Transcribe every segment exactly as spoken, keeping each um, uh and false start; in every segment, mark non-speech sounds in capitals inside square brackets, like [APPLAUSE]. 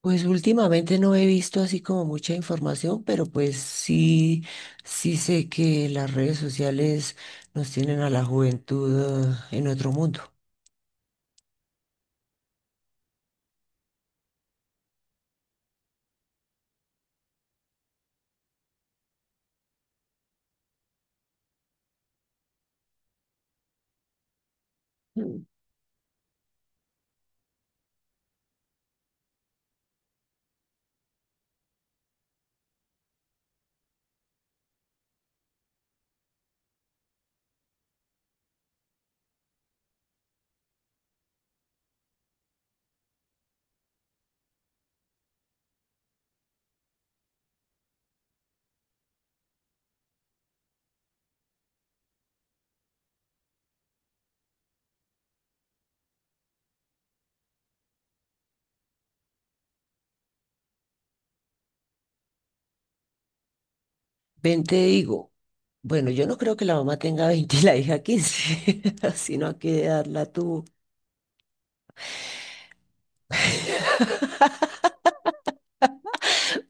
Pues últimamente no he visto así como mucha información, pero pues sí, sí sé que las redes sociales nos tienen a la juventud ah, en otro mundo. Ven, te digo, bueno, yo no creo que la mamá tenga [LAUGHS] veinte y la hija quince, [LAUGHS] sino a qué edad la tuvo.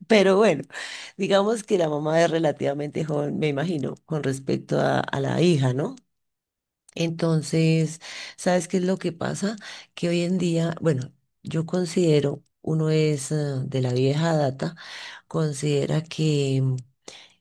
Pero bueno, digamos que la mamá es relativamente joven, me imagino, con respecto a, a la hija, ¿no? Entonces, ¿sabes qué es lo que pasa? Que hoy en día, bueno, yo considero, uno es eh, de la vieja data, considera que mm,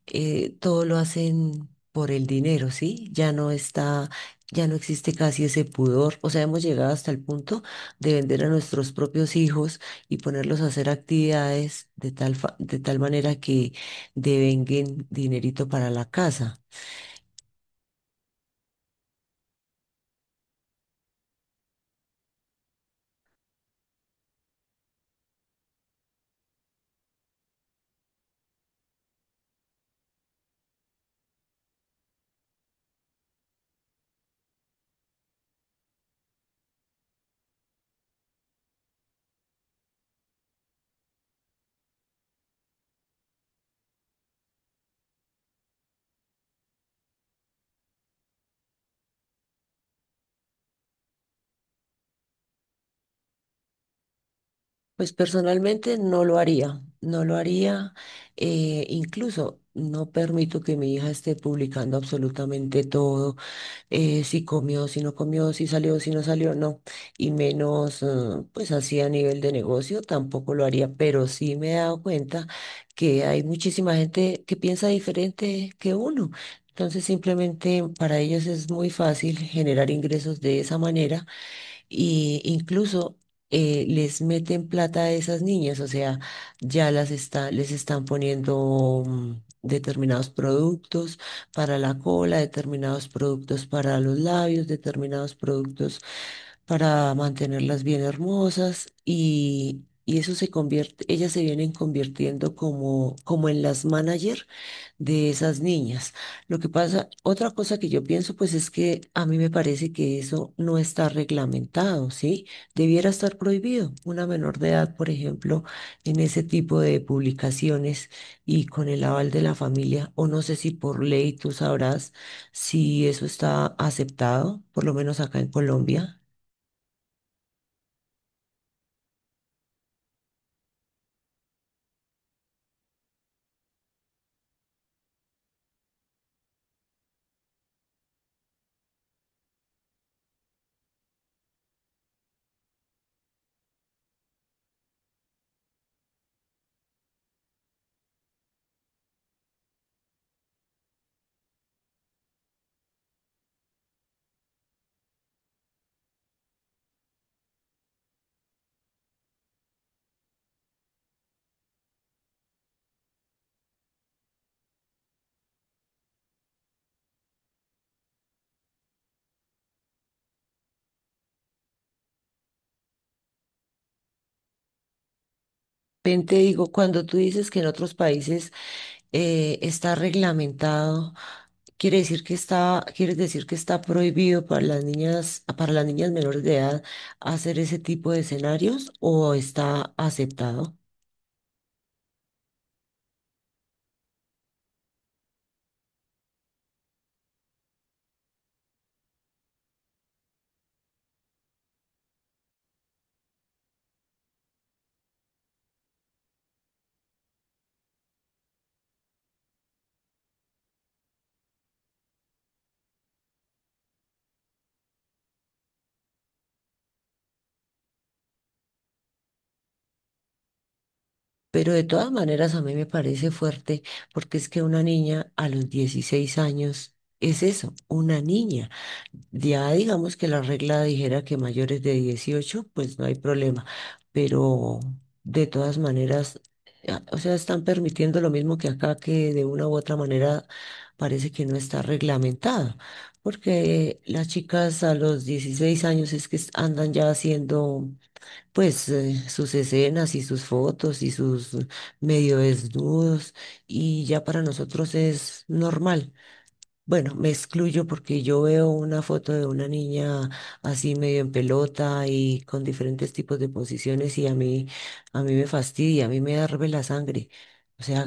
eh, todo lo hacen por el dinero, ¿sí? Ya no está, ya no existe casi ese pudor. O sea, hemos llegado hasta el punto de vender a nuestros propios hijos y ponerlos a hacer actividades de tal, fa- de tal manera que devenguen dinerito para la casa. Pues personalmente no lo haría, no lo haría, eh, incluso no permito que mi hija esté publicando absolutamente todo, eh, si comió, si no comió, si salió, si no salió, no, y menos eh, pues así a nivel de negocio tampoco lo haría, pero sí me he dado cuenta que hay muchísima gente que piensa diferente que uno, entonces simplemente para ellos es muy fácil generar ingresos de esa manera y incluso eh, les meten plata a esas niñas, o sea, ya las está, les están poniendo mm, determinados productos para la cola, determinados productos para los labios, determinados productos para mantenerlas bien hermosas y, y eso se convierte, ellas se vienen convirtiendo como, como en las manager de esas niñas. Lo que pasa, otra cosa que yo pienso, pues es que a mí me parece que eso no está reglamentado, ¿sí? Debiera estar prohibido una menor de edad, por ejemplo, en ese tipo de publicaciones y con el aval de la familia, o no sé si por ley tú sabrás si eso está aceptado, por lo menos acá en Colombia. Ven, te digo, cuando tú dices que en otros países eh, está reglamentado, quiere decir que está, quieres decir que está prohibido para las niñas, para las niñas menores de edad hacer ese tipo de escenarios ¿o está aceptado? Pero de todas maneras a mí me parece fuerte porque es que una niña a los dieciséis años es eso, una niña. Ya digamos que la regla dijera que mayores de dieciocho pues no hay problema. Pero de todas maneras, a- o sea, están permitiendo lo mismo que acá, que de una u otra manera parece que no está reglamentado. Porque las chicas a los dieciséis años es que andan ya haciendo pues eh, sus escenas y sus fotos y sus eh, medio desnudos y ya para nosotros es normal. Bueno, me excluyo porque yo veo una foto de una niña así medio en pelota y con diferentes tipos de posiciones y a mí, a mí me fastidia, a mí me hierve la sangre. O sea,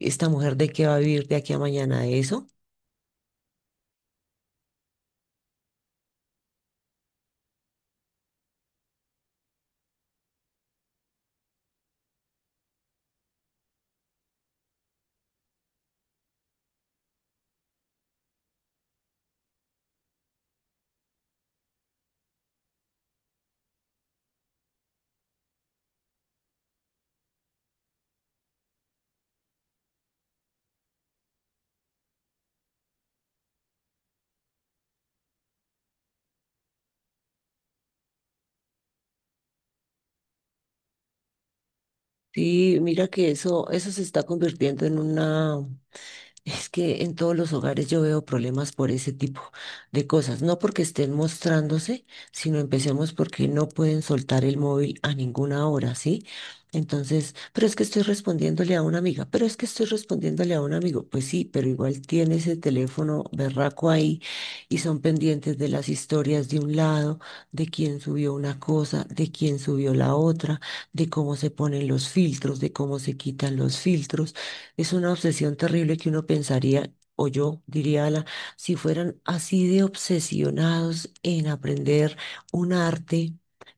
¿esta mujer de qué va a vivir de aquí a mañana? ¿De eso? Sí, mira que eso, eso se está convirtiendo en una. Es que en todos los hogares yo veo problemas por ese tipo de cosas, no porque estén mostrándose, sino empecemos porque no pueden soltar el móvil a ninguna hora, ¿sí? Entonces, pero es que estoy respondiéndole a una amiga, pero es que estoy respondiéndole a un amigo, pues sí, pero igual tiene ese teléfono berraco ahí y son pendientes de las historias de un lado, de quién subió una cosa, de quién subió la otra, de cómo se ponen los filtros, de cómo se quitan los filtros. Es una obsesión terrible que uno pensaría, o yo diría, Ala, si fueran así de obsesionados en aprender un arte,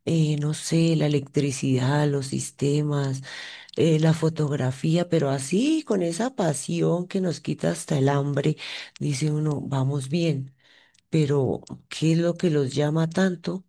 eh, no sé, la electricidad, los sistemas, eh, la fotografía, pero así con esa pasión que nos quita hasta el hambre, dice uno, vamos bien, pero ¿qué es lo que los llama tanto?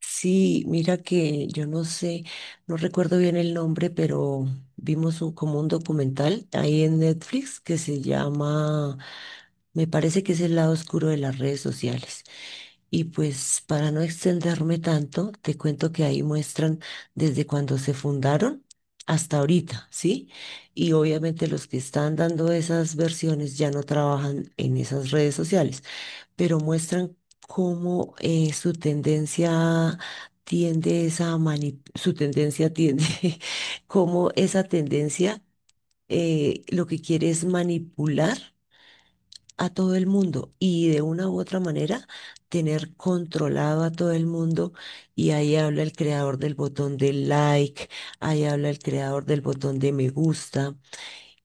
Sí, mira que yo no sé, no recuerdo bien el nombre, pero vimos un- como un documental ahí en Netflix que se llama, me parece que es el lado oscuro de las redes sociales. Y pues para no extenderme tanto, te cuento que ahí muestran desde cuando se fundaron hasta ahorita, ¿sí? Y obviamente los que están dando esas versiones ya no trabajan en esas redes sociales, pero muestran cómo eh, su tendencia tiende esa mani- su tendencia tiende, [LAUGHS] cómo esa tendencia eh, lo que quiere es manipular a todo el mundo y de una u otra manera tener controlado a todo el mundo, y ahí habla el creador del botón de like, ahí habla el creador del botón de me gusta.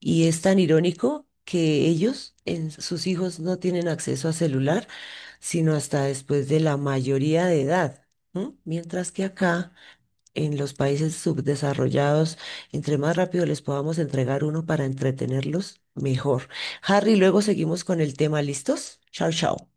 Y es tan irónico que ellos, en sus hijos, no tienen acceso a celular, sino hasta después de la mayoría de edad. ¿M? Mientras que acá, en los países subdesarrollados, entre más rápido les podamos entregar uno para entretenerlos, mejor. Harry, luego seguimos con el tema. ¿Listos? Chao, chao.